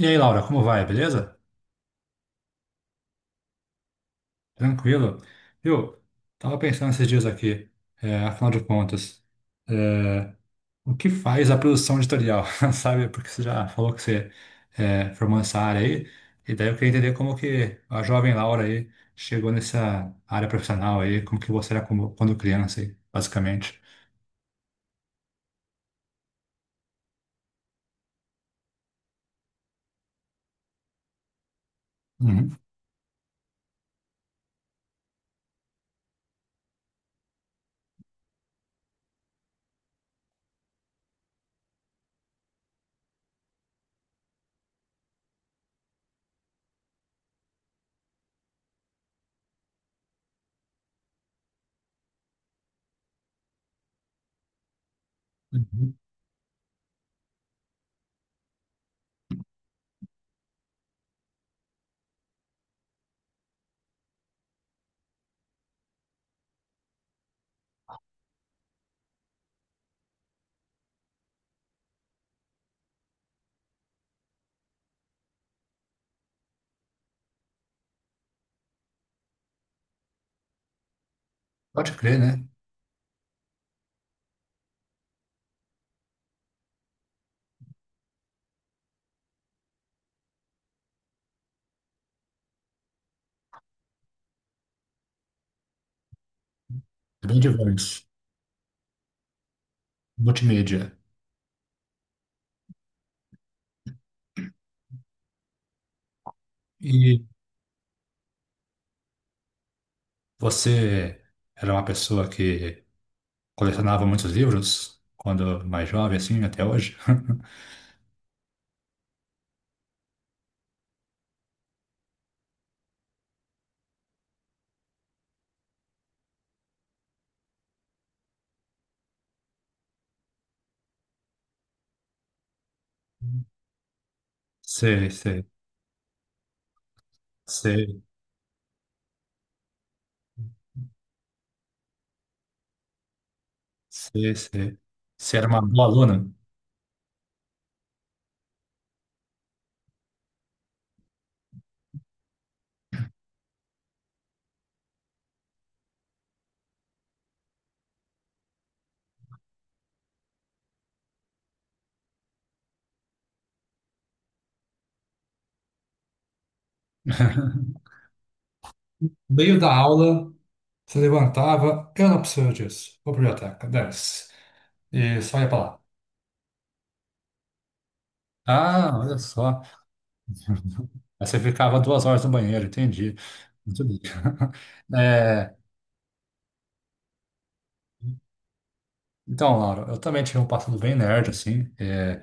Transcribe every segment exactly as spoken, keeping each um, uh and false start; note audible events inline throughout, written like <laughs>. E aí, Laura, como vai? Beleza? Tranquilo? Viu? Tava pensando esses dias aqui, é, afinal de contas, é, o que faz a produção editorial, <laughs> sabe? Porque você já falou que você é, formou essa área aí, e daí eu queria entender como que a jovem Laura aí chegou nessa área profissional aí, como que você era como- quando criança aí, basicamente. Uhum. Uhum. Pode crer, né? É, bem diverso. Multimídia. E você era uma pessoa que colecionava muitos livros quando mais jovem, assim, até hoje. <laughs> Sei, sei, sei, sei, sei. Você era uma boa aluna? Meio da aula, se levantava, eu não preciso disso. Vou pra biblioteca, dane. E só ia pra lá. Ah, olha só. Aí você ficava duas horas no banheiro, entendi. Muito bem. <laughs> É, então, Laura, eu também tive um passado bem nerd, assim. É,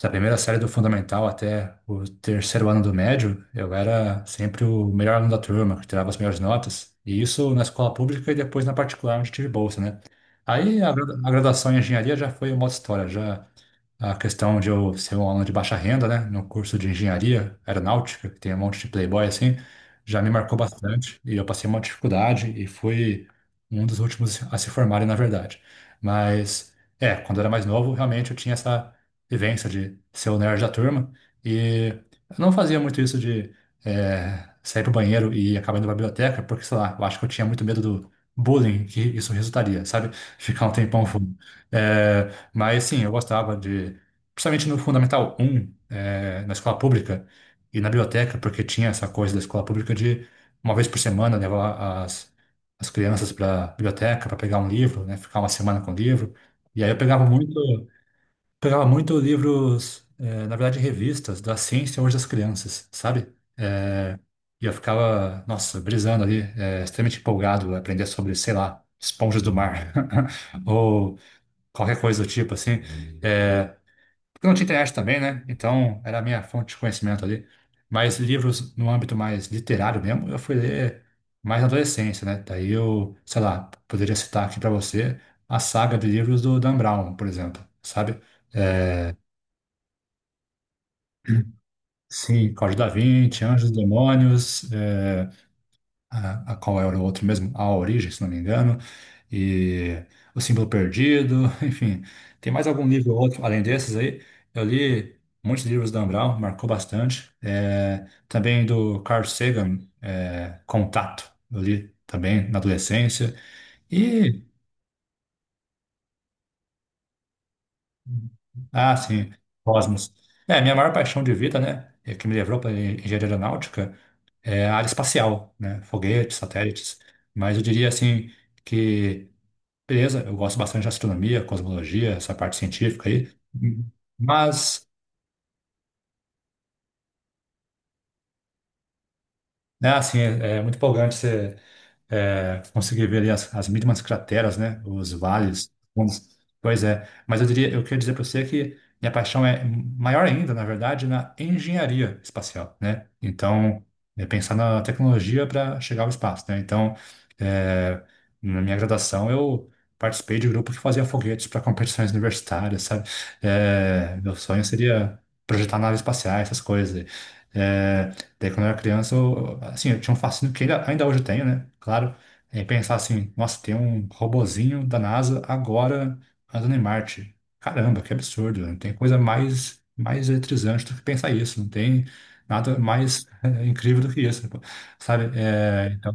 Da primeira série do fundamental até o terceiro ano do médio, eu era sempre o melhor aluno da turma, que tirava as melhores notas. E isso na escola pública e depois na particular, onde tive bolsa, né? Aí a gra- a graduação em engenharia já foi uma outra história, já a questão de eu ser um aluno de baixa renda, né, no curso de engenharia aeronáutica, que tem um monte de playboy assim, já me marcou bastante e eu passei uma dificuldade e fui um dos últimos a se formarem, na verdade. Mas, é, quando eu era mais novo, realmente eu tinha essa vivência de ser o nerd da turma e eu não fazia muito isso de é, sair pro banheiro e acabar indo pra biblioteca, porque, sei lá, eu acho que eu tinha muito medo do bullying que isso resultaria, sabe? <laughs> Ficar um tempão fora. É, mas sim, eu gostava de, principalmente no Fundamental um, eh, na escola pública e na biblioteca, porque tinha essa coisa da escola pública de uma vez por semana levar as, as crianças para biblioteca para pegar um livro, né, ficar uma semana com o livro. E aí eu pegava muito, pegava muito livros, eh, na verdade revistas da ciência hoje das crianças, sabe? E eu ficava, nossa, brisando ali, eh, extremamente empolgado a aprender sobre, sei lá, esponjas do mar <laughs> ou qualquer coisa do tipo assim. Porque não tinha internet também, né? Então era a minha fonte de conhecimento ali. Mas livros no âmbito mais literário mesmo, eu fui ler mais na adolescência, né? Daí eu, sei lá, poderia citar aqui para você a saga de livros do Dan Brown, por exemplo, sabe? Sim. Código da Vinci, Anjos e Demônios, eh, a, a qual era o outro mesmo, a origem, se não me engano, e o símbolo perdido, <laughs> enfim, tem mais algum livro ou outro além desses aí. Eu li muitos livros do Dan Brown, marcou bastante. É, também do Carl Sagan, é, Contato, eu li também na adolescência. E, ah, sim, Cosmos. É, minha maior paixão de vida, né, é que me levou para engenharia aeronáutica, é a área espacial, né, foguetes, satélites. Mas eu diria assim que, beleza, eu gosto bastante de astronomia, cosmologia, essa parte científica aí. Mas, né, assim, é, é muito empolgante você. É, consegui ver ali as, as mínimas crateras, né? Os vales. Vamos- Pois é. Mas eu diria, eu queria dizer para você que minha paixão é maior ainda, na verdade, na engenharia espacial, né? Então, é pensar na tecnologia para chegar ao espaço, né? Então, é, na minha graduação, eu participei de um grupo que fazia foguetes para competições universitárias, sabe? É, meu sonho seria projetar naves espaciais, essas coisas. É, Daí, quando eu era criança, eu, assim, eu tinha um fascínio que ainda, ainda hoje eu tenho, né? Claro. É pensar assim, nossa, tem um robozinho da NASA agora andando em Marte. Caramba, que absurdo, né? Não tem coisa mais, mais eletrizante do que pensar isso, não tem nada mais eh, incrível do que isso, né? Sabe? É, então,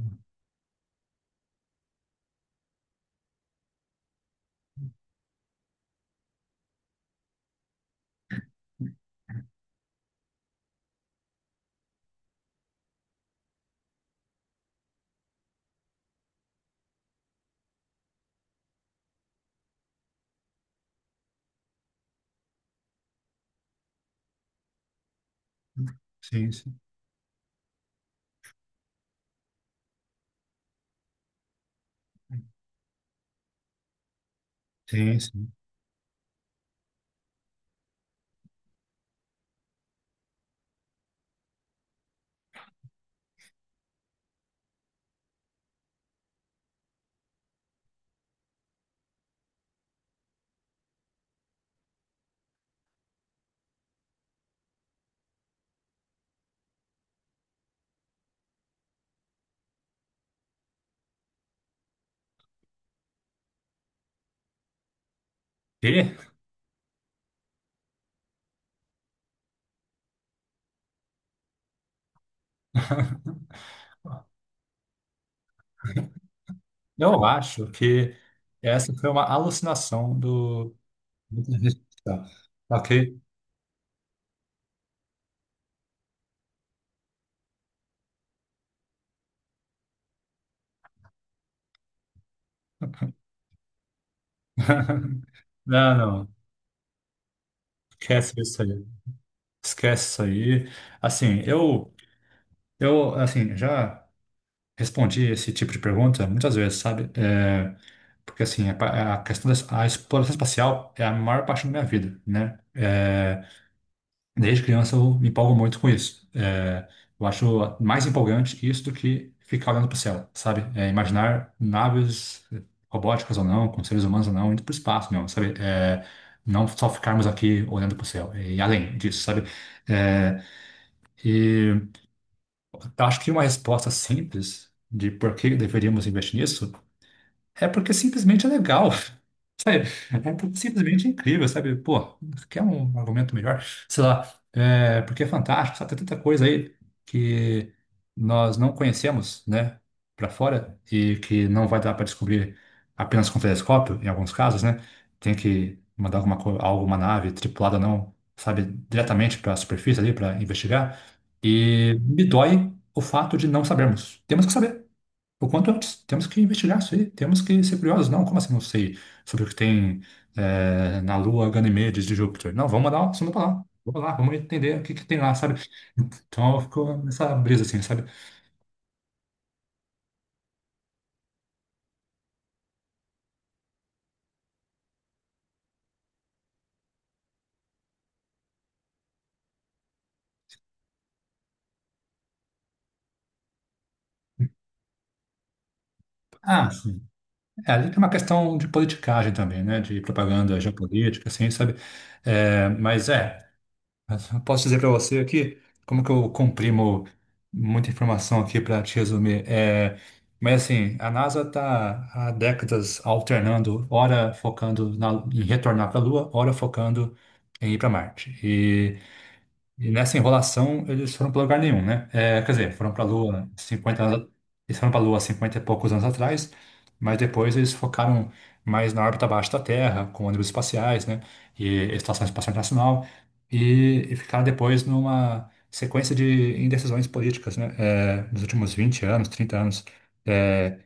sim, sim, sim, sim. E eu acho que essa foi uma alucinação do... do- Ok? <laughs> Não, não, esquece isso aí. Esquece isso aí. Assim, eu, eu, assim, já respondi esse tipo de pergunta muitas vezes, sabe? É, porque, assim, a, pa- a questão da a exploração espacial é a maior parte da minha vida, né? É, desde criança eu me empolgo muito com isso. É, eu acho mais empolgante isso do que ficar olhando para o céu, sabe? É, imaginar naves robóticas ou não, com seres humanos ou não, indo para o espaço mesmo, sabe? É, não só ficarmos aqui olhando para o céu, e além disso, sabe? É, e acho que uma resposta simples de por que deveríamos investir nisso é porque simplesmente é legal, <laughs> sabe? É porque simplesmente é incrível, sabe? Pô, quer um argumento melhor? Sei lá, é, porque é fantástico, sabe? Tem tanta coisa aí que nós não conhecemos, né? Para fora e que não vai dar para descobrir apenas com telescópio, em alguns casos, né? Tem que mandar alguma, co- alguma nave tripulada, não, sabe? Diretamente para a superfície ali para investigar. E me dói o fato de não sabermos. Temos que saber. O quanto antes, temos que investigar isso aí, temos que ser curiosos. Não, como assim não sei sobre o que tem eh, na Lua Ganymedes de Júpiter? Não, vamos mandar uma sonda pra lá. Vamos lá, vamos entender o que, que tem lá, sabe? Então ficou nessa brisa assim, sabe? Ah, sim. É, ali tem uma questão de politicagem também, né? De propaganda geopolítica, assim, sabe? Eh, mas é. <laughs> Posso dizer para você aqui como que eu comprimo muita informação aqui para te resumir. É, mas assim, a NASA está há décadas alternando, ora focando na- em retornar para a Lua, ora focando em ir para Marte. E nessa enrolação, eles foram para lugar nenhum, né? É, quer dizer, foram para a Lua cinquenta anos, eles foram para a Lua cinquenta e poucos anos atrás, mas depois eles focaram mais na órbita abaixo da Terra, com ônibus espaciais, né? E Estação Espacial Internacional, e, e ficaram depois numa sequência de indecisões políticas, né? É, nos últimos vinte anos, trinta anos. É,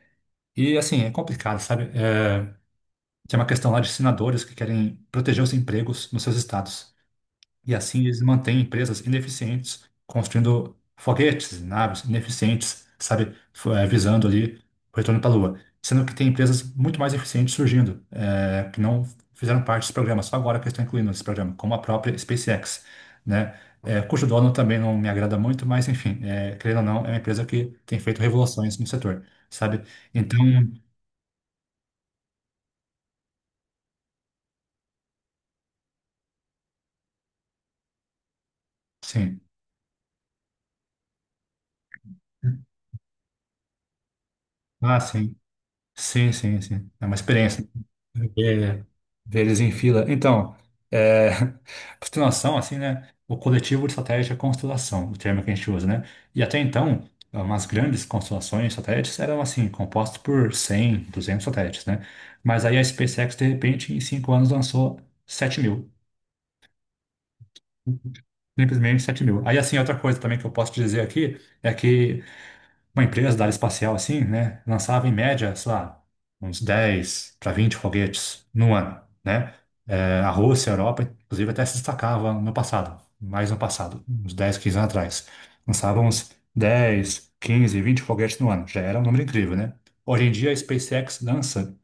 e assim, é complicado, sabe? É, tem uma questão lá de senadores que querem proteger os empregos nos seus estados. E assim eles mantêm empresas ineficientes, construindo foguetes, naves ineficientes, sabe, F- eh, visando ali o retorno para a Lua. Sendo que tem empresas muito mais eficientes surgindo, eh, que não fizeram parte desse programa, só agora que estão incluindo esse programa, como a própria SpaceX, né? Eh, cujo dono também não me agrada muito, mas enfim, eh, querendo ou não, é uma empresa que tem feito revoluções no setor, sabe? Então, sim. Ah, sim. Sim, sim, sim. É uma experiência. É, Ver eles em fila. Então, é, <laughs> constelação, assim, né? O coletivo de satélites é constelação, o termo que a gente usa, né? E até então, umas grandes constelações de satélites eram, assim, compostas por cem, duzentos satélites, né? Mas aí a SpaceX, de repente, em cinco anos lançou sete mil. Simplesmente sete mil. Aí, assim, outra coisa também que eu posso dizer aqui é que uma empresa da área espacial assim, né, lançava em média, sei lá, uns dez para vinte foguetes no ano, né? É, a Rússia, a Europa, inclusive, até se destacava no passado, mais no passado, uns dez, quinze anos atrás. Lançavam uns dez, quinze, vinte foguetes no ano. Já era um número incrível, né? Hoje em dia, a SpaceX lança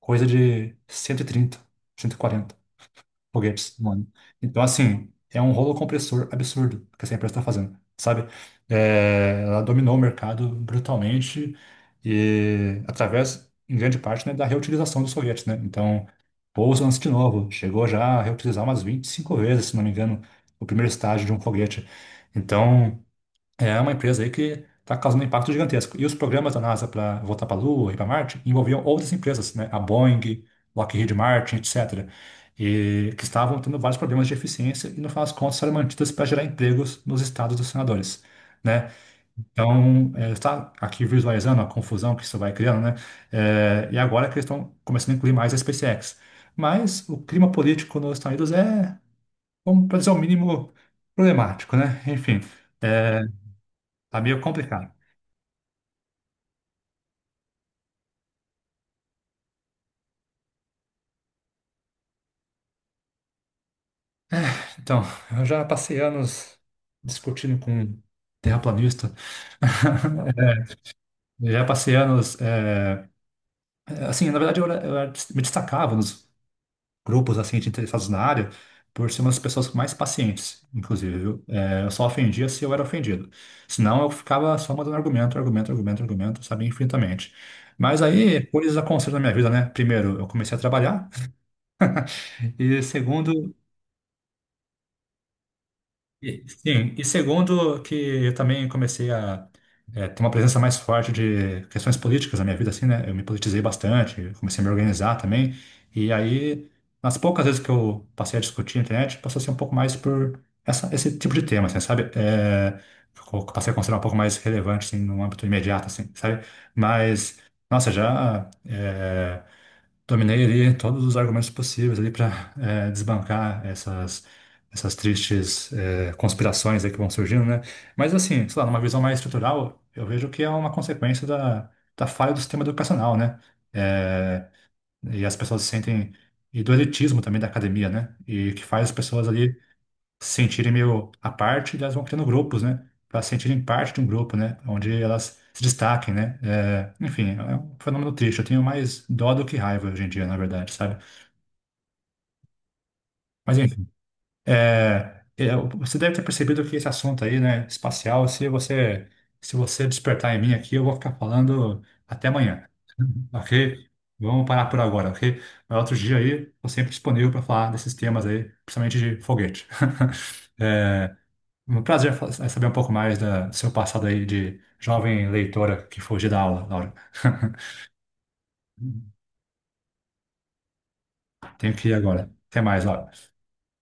coisa de cento cento e trinta, cento e quarenta foguetes no ano. Então, assim, é um rolo compressor absurdo que essa empresa está fazendo, sabe? É, ela dominou o mercado brutalmente e através, em grande parte, né, da reutilização dos foguetes, né? Então, pouso antes de novo, chegou já a reutilizar umas vinte e cinco vezes, se não me engano, o primeiro estágio de um foguete. Então, é uma empresa aí que está causando um impacto gigantesco. E os programas da NASA para voltar para a Lua e para Marte envolviam outras empresas, né? A Boeing, Lockheed Martin, etcétera. E que estavam tendo vários problemas de eficiência e, no final das contas, foram mantidas para gerar empregos nos estados dos senadores. Né? Então, é, está aqui visualizando a confusão que isso vai criando, né? É, e agora que eles estão começando a incluir mais a SpaceX. Mas o clima político nos Estados Unidos é, vamos para dizer o mínimo, problemático, né? Enfim, é, tá meio complicado. Então, <laughs> eu já passei anos discutindo com terraplanista. <laughs> Eu já passei anos, é, assim, na verdade eu, era- eu era- me destacava nos grupos assim de interessados na área por ser uma das pessoas mais pacientes, inclusive. Viu? É, eu só ofendia se eu era ofendido. Senão eu ficava só mandando argumento, argumento, argumento, argumento, sabe, infinitamente. Mas aí, coisas aconteceram na minha vida, né? Primeiro, eu comecei a trabalhar <laughs> e segundo, E- Sim, e segundo que eu também comecei a eh, ter uma presença mais forte de questões políticas na minha vida, assim, né? Eu me politizei bastante, comecei a me organizar também, e aí, nas poucas vezes que eu passei a discutir na internet, passou a ser um pouco mais por essa, esse tipo de tema, assim, sabe? Eh, ficou- passei a considerar um pouco mais relevante, assim, no âmbito imediato, assim, sabe? Mas, nossa, já... é, Dominei ali todos os argumentos possíveis ali para desbancar essas essas tristes eh, conspirações aí que vão surgindo, né? Mas assim, sei lá, numa visão mais estrutural, eu vejo que é uma consequência da, da falha do sistema educacional, né? Eh, e as pessoas se sentem e do elitismo também da academia, né? E que faz as pessoas ali se sentirem meio à parte, elas vão criando grupos, né? Para se sentirem parte de um grupo, né? Onde elas se destaquem, né? É, enfim, é um fenômeno triste. Eu tenho mais dó do que raiva hoje em dia, na verdade, sabe? Mas enfim, é, é, você deve ter percebido que esse assunto aí, né, espacial, se você se você despertar em mim aqui, eu vou ficar falando até amanhã, <laughs> ok? Vamos parar por agora, ok? Mas outro dia aí, estou sempre disponível para falar desses temas aí, principalmente de foguete. <laughs> É, Um prazer fa- saber um pouco mais da- do seu passado aí de jovem leitora que fugiu da aula, Laura. <laughs> Tenho que ir agora. Até mais, Laura.